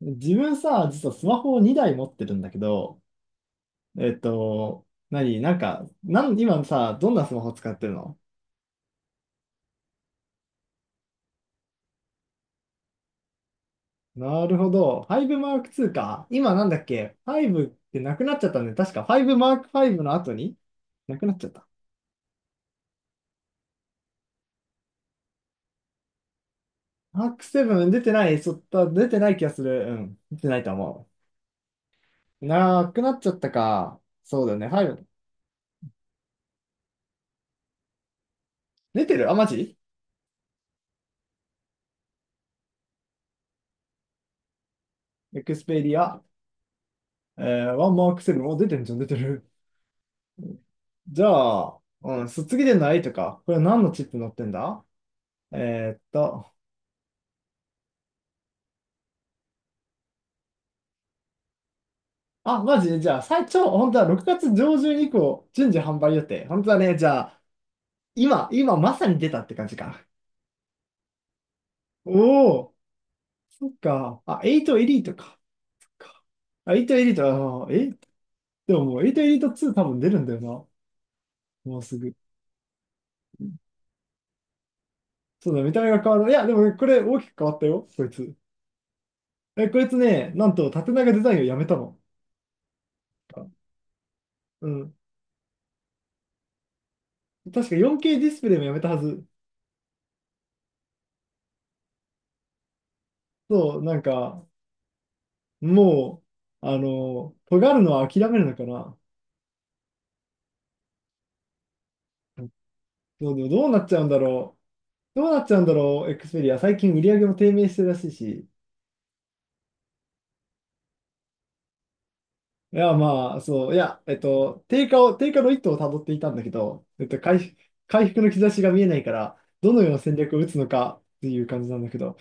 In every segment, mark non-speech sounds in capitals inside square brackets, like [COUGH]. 自分さ、実はスマホを2台持ってるんだけど、何、なんか、なん、今さ、どんなスマホ使ってるの？なるほど。5 マークツーか。今なんだっけ？ 5 ってなくなっちゃったんで、確か5 ファイブの後になくなっちゃった。m ークセブン出てない、そった、出てない気がする。うん。出てないと思う。なくなっちゃったか。そうだよね。ファイブ。出てる。あ、マジ？エクスペリア。えー、1 マークセブンお出てるじゃん、出てる。じゃあ、うん、卒業でのいとか、これ何のチップ載ってんだ？えーっと、あ、マジで。じゃあ、最長、本当は6月上旬以降、順次販売予定。本当はね、じゃあ、今まさに出たって感じか。おお、そっか。あ、8エリートか。あ、8エリート、でももう8エリート2多分出るんだよな。もうすぐ。そうだ、見た目が変わる。いや、でもこれ大きく変わったよ、こいつ。え、こいつね、なんと縦長デザインをやめたの。うん。確か 4K ディスプレイもやめたはず。そう、なんか、もう、尖るのは諦めるのかな。そう、でもどうなっちゃうんだろう。どうなっちゃうんだろう、エクスペリア。最近売り上げも低迷してるらしいし。いや、まあ、そう、いや、低下の一途をたどっていたんだけど、回復の兆しが見えないから、どのような戦略を打つのかっていう感じなんだけど、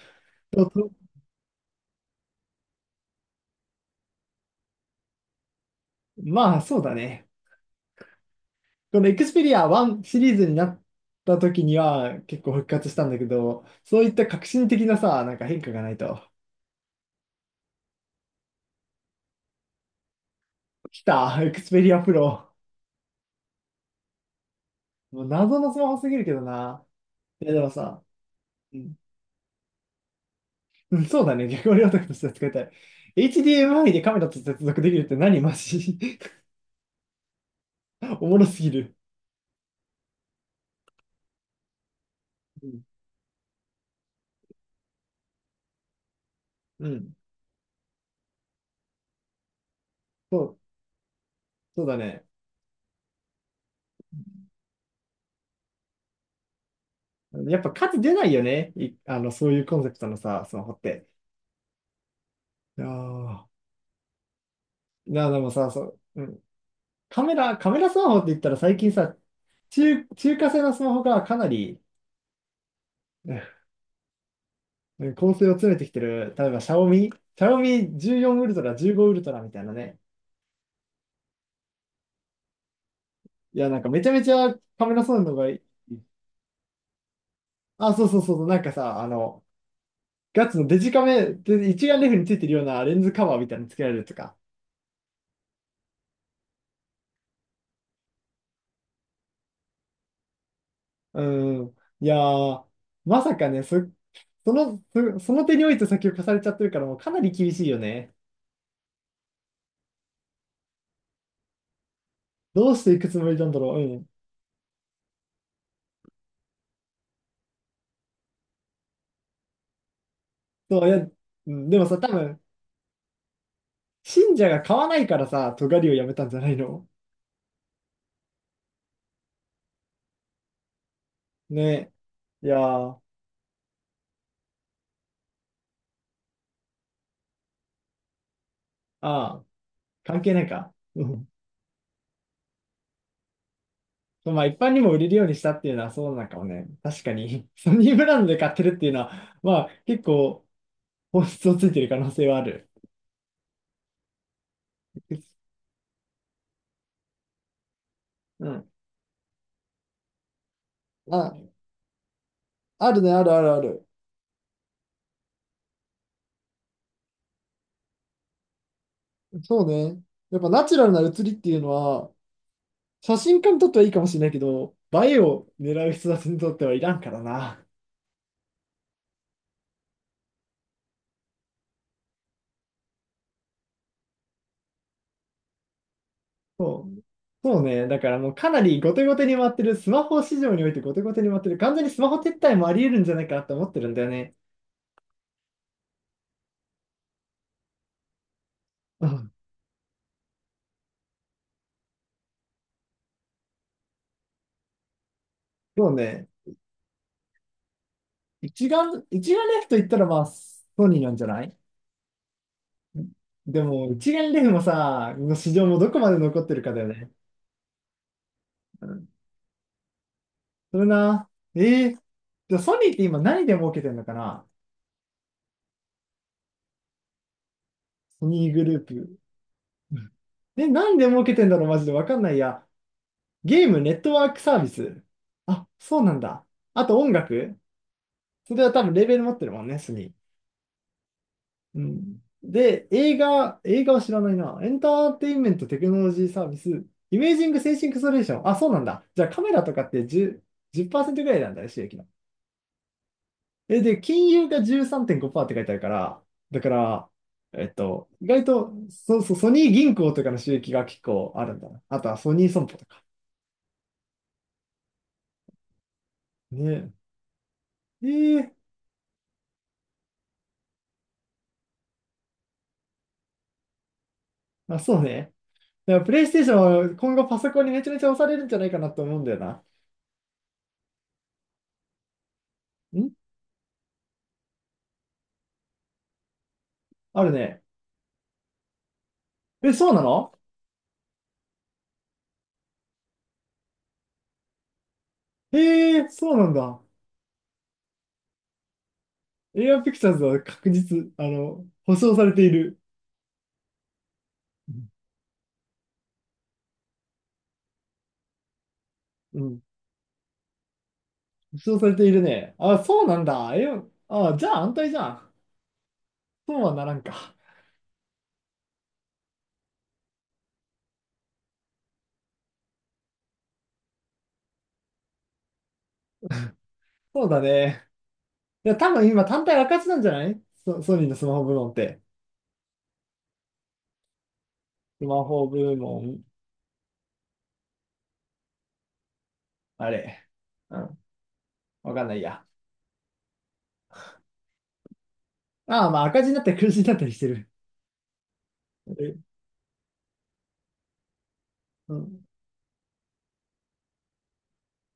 でもとまあ、そうだね。このエクスペリア1シリーズになった時には結構復活したんだけど、そういった革新的なさ、なんか変化がないと。来た、エクスペリアプロ。もう謎のスマホすぎるけどな。いや、でもさ、うん、うんそうだね。逆割り男として使いたい。HDMI でカメラと接続できるって何？マジ？ [LAUGHS] おもろすぎる。うん、うん、そう、そうだね。やっぱ価値出ないよね。あの、そういうコンセプトのさ、スマホって。いやーな、でもさ、そう、うん、カメラスマホって言ったら最近さ、中華製のスマホがかなり、ね、構成を詰めてきてる、例えば、シャオミ14ウルトラ、15ウルトラみたいなね。いや、なんかめちゃめちゃカメラそうなのがいい、あ、そうそうそうそう、なんかさ、ガッツのデジカメ、で一眼レフについてるようなレンズカバーみたいにつけられるとか。うん。いやー、まさかね、その手において先を貸されちゃってるから、もうかなり厳しいよね。どうしていくつもりなんだろう。うん。そう、いや、うん、でもさ、多分、信者が買わないからさ、尖りをやめたんじゃないの？ね。いやーああ、関係ないか。うん。まあ、一般にも売れるようにしたっていうのはそうなのかもね。確かに、[LAUGHS] ソニーブランドで買ってるっていうのは、まあ、結構、本質をついてる可能性はある。うん。まあ、あるね、あるあるある。そうね。やっぱナチュラルな写りっていうのは、写真家にとってはいいかもしれないけど、映えを狙う人たちにとってはいらんからな。そう。そうね。だからもうかなり後手後手に回ってる、スマホ市場において後手後手に回ってる、完全にスマホ撤退もあり得るんじゃないかなと思ってるんだよね。うんそうね。一眼レフと言ったらまあ、ソニーなんじゃない？でも、一眼レフもさ、の市場もどこまで残ってるかだよね。うん。それな。えー、じゃあソニーって今何で儲けてんのかな？ソニーグループ。うんで、何で儲けてんだろうマジでわかんないや。ゲーム、ネットワークサービス。あ、そうなんだ。あと音楽。それは多分レーベル持ってるもんね、ソニー。うん。で、映画は知らないな。エンターテインメントテクノロジーサービス、イメージングセンシングソリューション。あ、そうなんだ。じゃあカメラとかって10、じゅっパーセントぐらいなんだよ、収益の。え、で、金融が13.5%って書いてあるから、だから、意外と、そうそう、ソニー銀行とかの収益が結構あるんだな。あとはソニー損保とか。ねえ。ええあ、そうね。だからプレイステーションは今後パソコンにめちゃめちゃ押されるんじゃないかなと思うんだよな。んあるね。え、そうなの？ええそうなんだ。エアーピクチャーズは確実、保証されている。うん。保証されているね。あ、そうなんだ。え、あ、じゃあ安泰じゃん。そうはならんか。そうだね。いや、多分今単体赤字なんじゃない？ソニーのスマホ部門って。スマホ部門、あれ。うん。わかんないや。ああ、まあ赤字になったり黒字になったりしてる。えうん。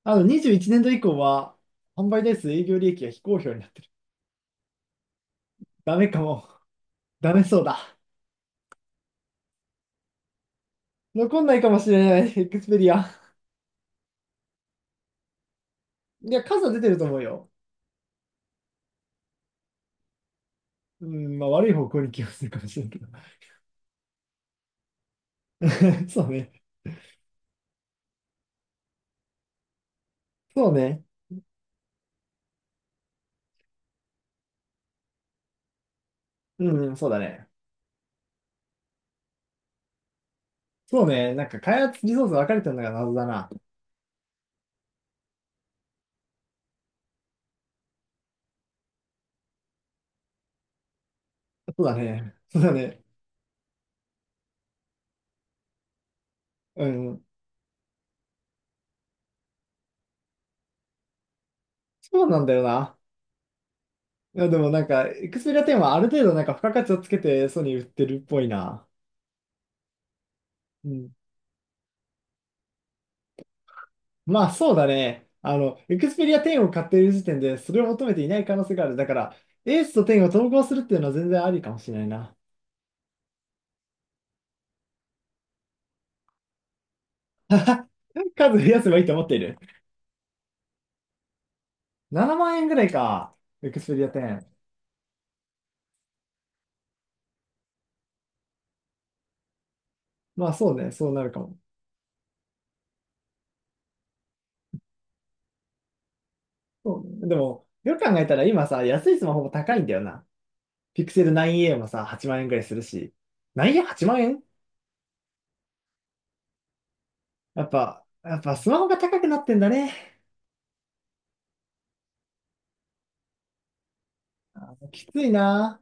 あの、21年度以降は、販売台数営業利益が非公表になってる。ダメかも。ダメそうだ。残んないかもしれない。エクスペリア。いや、数は出てると思うよ。うん、まあ悪い方向に気がするかもしれんけど。[LAUGHS] そうね。そうね。うん、そうだね。そうね。なんか開発リソース分かれてるのが謎だな。そうだね。そうだね。うん。そうなんだよな。いや、でもなんか、エクスペリア10はある程度なんか付加価値をつけてソニー売ってるっぽいな。うん。まあそうだね。あの、エクスペリア10を買っている時点でそれを求めていない可能性がある。だから、エースと10を統合するっていうのは全然ありかもしれないな。数増やせばいいと思っている。7万円ぐらいか。エクスペリア10。まあそうね、そうなるかも。そうねでも、よく考えたら今さ、安いスマホも高いんだよな。ピクセル 9A もさ、8万円ぐらいするし。9A8 万円やっぱスマホが高くなってんだね。きついな。